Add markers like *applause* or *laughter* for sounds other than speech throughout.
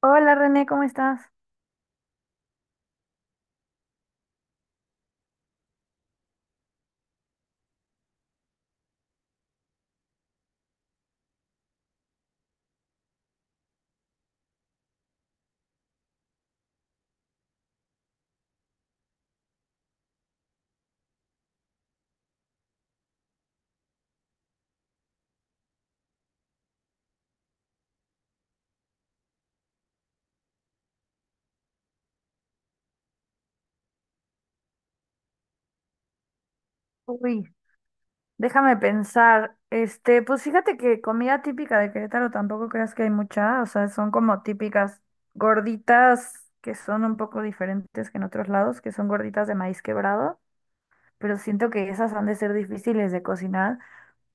Hola René, ¿cómo estás? Uy, déjame pensar. Pues fíjate que comida típica de Querétaro tampoco creas que hay mucha, o sea, son como típicas gorditas que son un poco diferentes que en otros lados, que son gorditas de maíz quebrado, pero siento que esas han de ser difíciles de cocinar.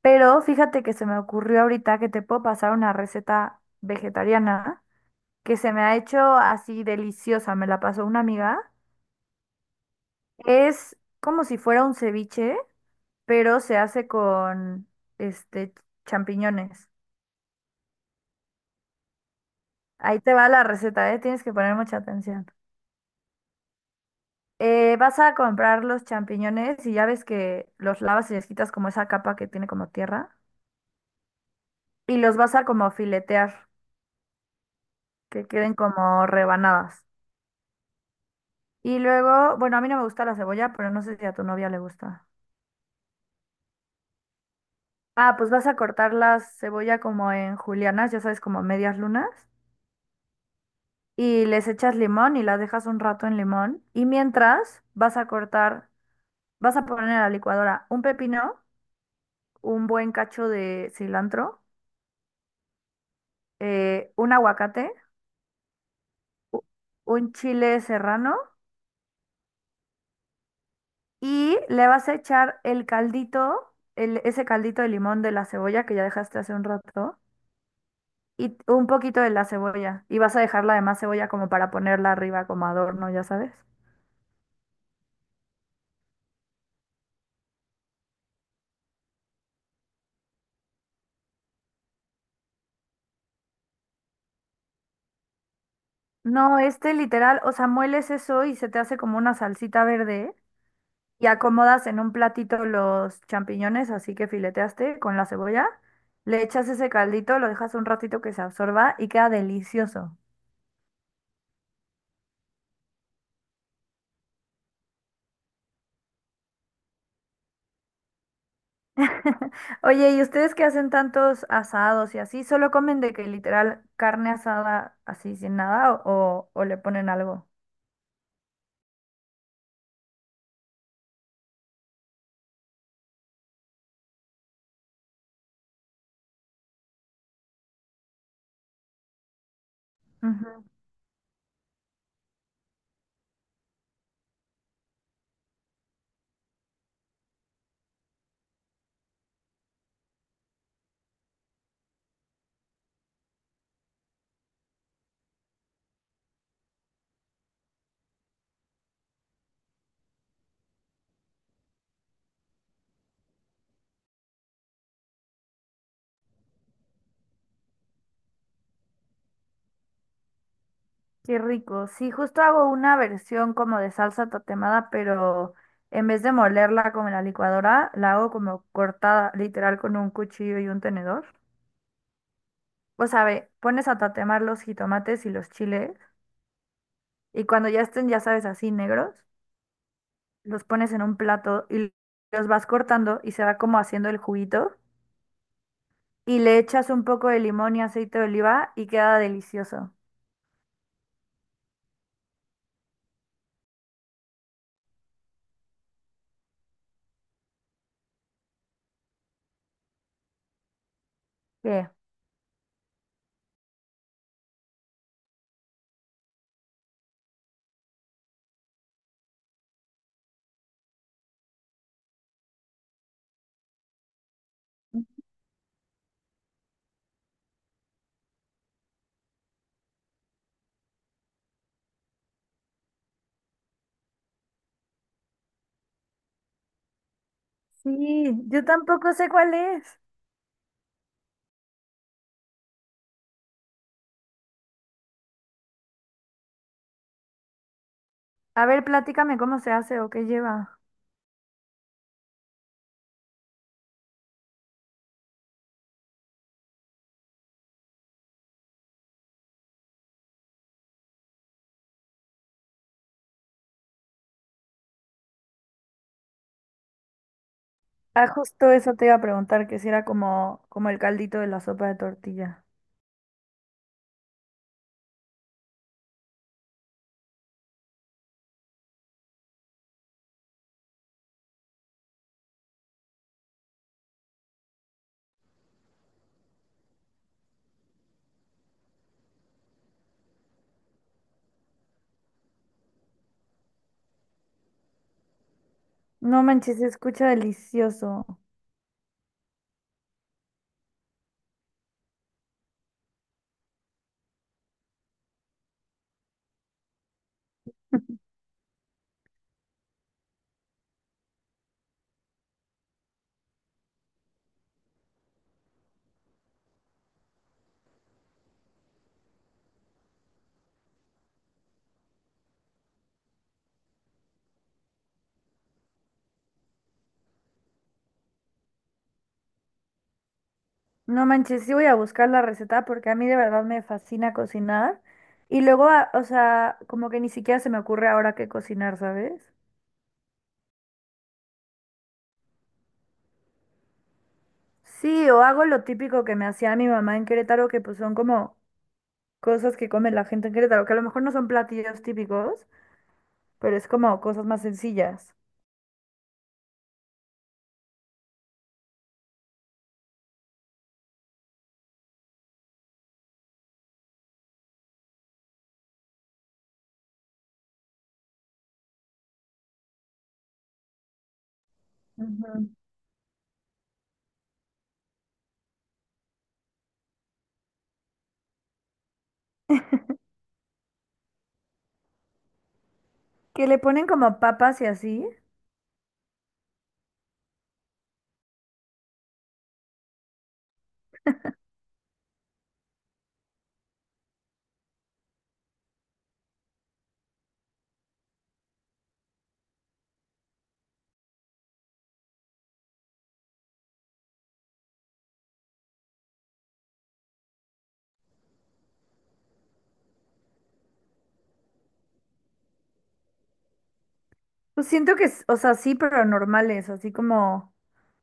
Pero fíjate que se me ocurrió ahorita que te puedo pasar una receta vegetariana que se me ha hecho así deliciosa, me la pasó una amiga. Es como si fuera un ceviche pero se hace con este champiñones. Ahí te va la receta, ¿eh? Tienes que poner mucha atención. Vas a comprar los champiñones y ya ves que los lavas y les quitas como esa capa que tiene como tierra y los vas a como filetear, que queden como rebanadas. Y luego, bueno, a mí no me gusta la cebolla, pero no sé si a tu novia le gusta. Ah, pues vas a cortar la cebolla como en julianas, ya sabes, como medias lunas, y les echas limón y las dejas un rato en limón. Y mientras vas a poner a la licuadora un pepino, un buen cacho de cilantro, un aguacate, un chile serrano y le vas a echar el caldito, ese caldito de limón de la cebolla que ya dejaste hace un rato y un poquito de la cebolla. Y vas a dejar la demás cebolla como para ponerla arriba como adorno, ya sabes. No, este literal, o sea, mueles eso y se te hace como una salsita verde, y acomodas en un platito los champiñones, así que fileteaste con la cebolla, le echas ese caldito, lo dejas un ratito que se absorba y queda delicioso. *laughs* Oye, ¿y ustedes que hacen tantos asados y así? ¿Solo comen de que literal carne asada así sin nada o, o le ponen algo? Ujú. Qué rico. Sí, justo hago una versión como de salsa tatemada, pero en vez de molerla con la licuadora, la hago como cortada literal con un cuchillo y un tenedor. O sea, ve, pones a tatemar los jitomates y los chiles y cuando ya estén, ya sabes, así negros, los pones en un plato y los vas cortando y se va como haciendo el juguito y le echas un poco de limón y aceite de oliva y queda delicioso. ¿Qué? Sí, yo tampoco sé cuál es. A ver, platícame cómo se hace o qué lleva. Ah, justo eso te iba a preguntar, que si era como, como el caldito de la sopa de tortilla. No manches, se escucha delicioso. No manches, sí voy a buscar la receta porque a mí de verdad me fascina cocinar. Y luego, o sea, como que ni siquiera se me ocurre ahora qué cocinar, ¿sabes? Sí, o hago lo típico que me hacía mi mamá en Querétaro, que pues son como cosas que come la gente en Querétaro, que a lo mejor no son platillos típicos, pero es como cosas más sencillas. Ujú. Que le ponen como papas y así. Pues siento que, es o sea, sí, pero normales, así como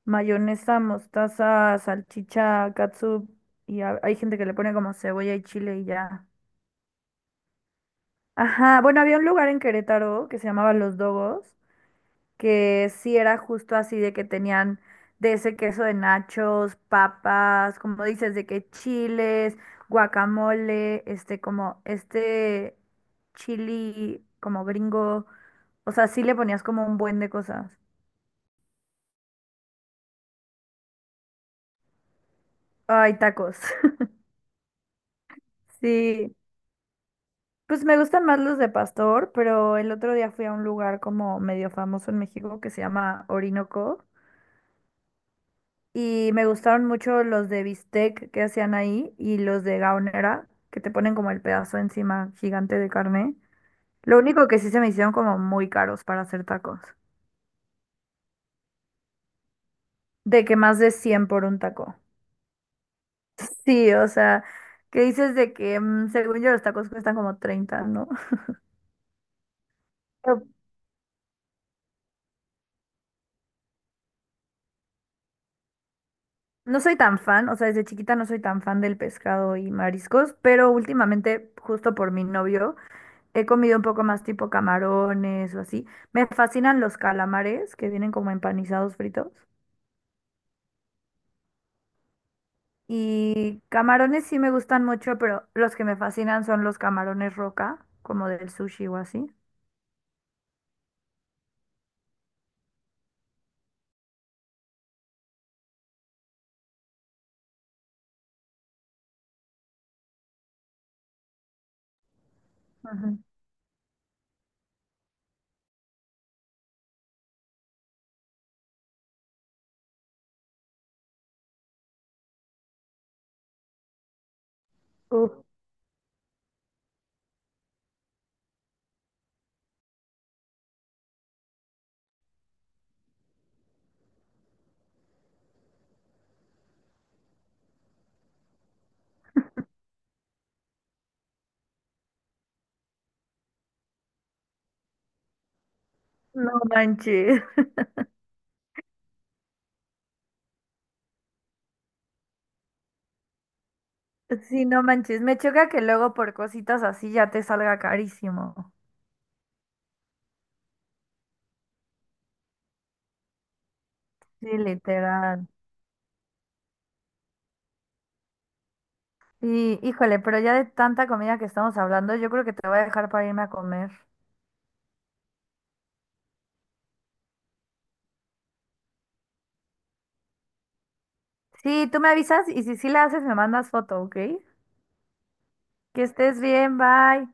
mayonesa, mostaza, salchicha, catsup, y hay gente que le pone como cebolla y chile y ya. Ajá, bueno, había un lugar en Querétaro que se llamaba Los Dogos, que sí era justo así de que tenían de ese queso de nachos, papas, como dices, de que chiles, guacamole, como este chili como gringo, o sea, sí le ponías como un buen de cosas. Ay, tacos. *laughs* Sí, pues me gustan más los de pastor, pero el otro día fui a un lugar como medio famoso en México que se llama Orinoco y me gustaron mucho los de bistec que hacían ahí y los de gaonera que te ponen como el pedazo encima gigante de carne. Lo único que sí se me hicieron como muy caros para hacer tacos, de que más de 100 por un taco. *laughs* Sí, o sea, que dices de que según yo los tacos cuestan como 30, ¿no? *laughs* No soy tan fan, o sea, desde chiquita no soy tan fan del pescado y mariscos, pero últimamente, justo por mi novio, he comido un poco más tipo camarones o así. Me fascinan los calamares que vienen como empanizados fritos. Y camarones sí me gustan mucho, pero los que me fascinan son los camarones roca, como del sushi o así. Ujú. Uf, no manches. *laughs* Sí, no manches. Me choca que luego por cositas así ya te salga carísimo. Sí, literal. Y híjole, pero ya de tanta comida que estamos hablando, yo creo que te voy a dejar para irme a comer. Sí, tú me avisas y si sí la haces, me mandas foto, ¿ok? Que estés bien, bye.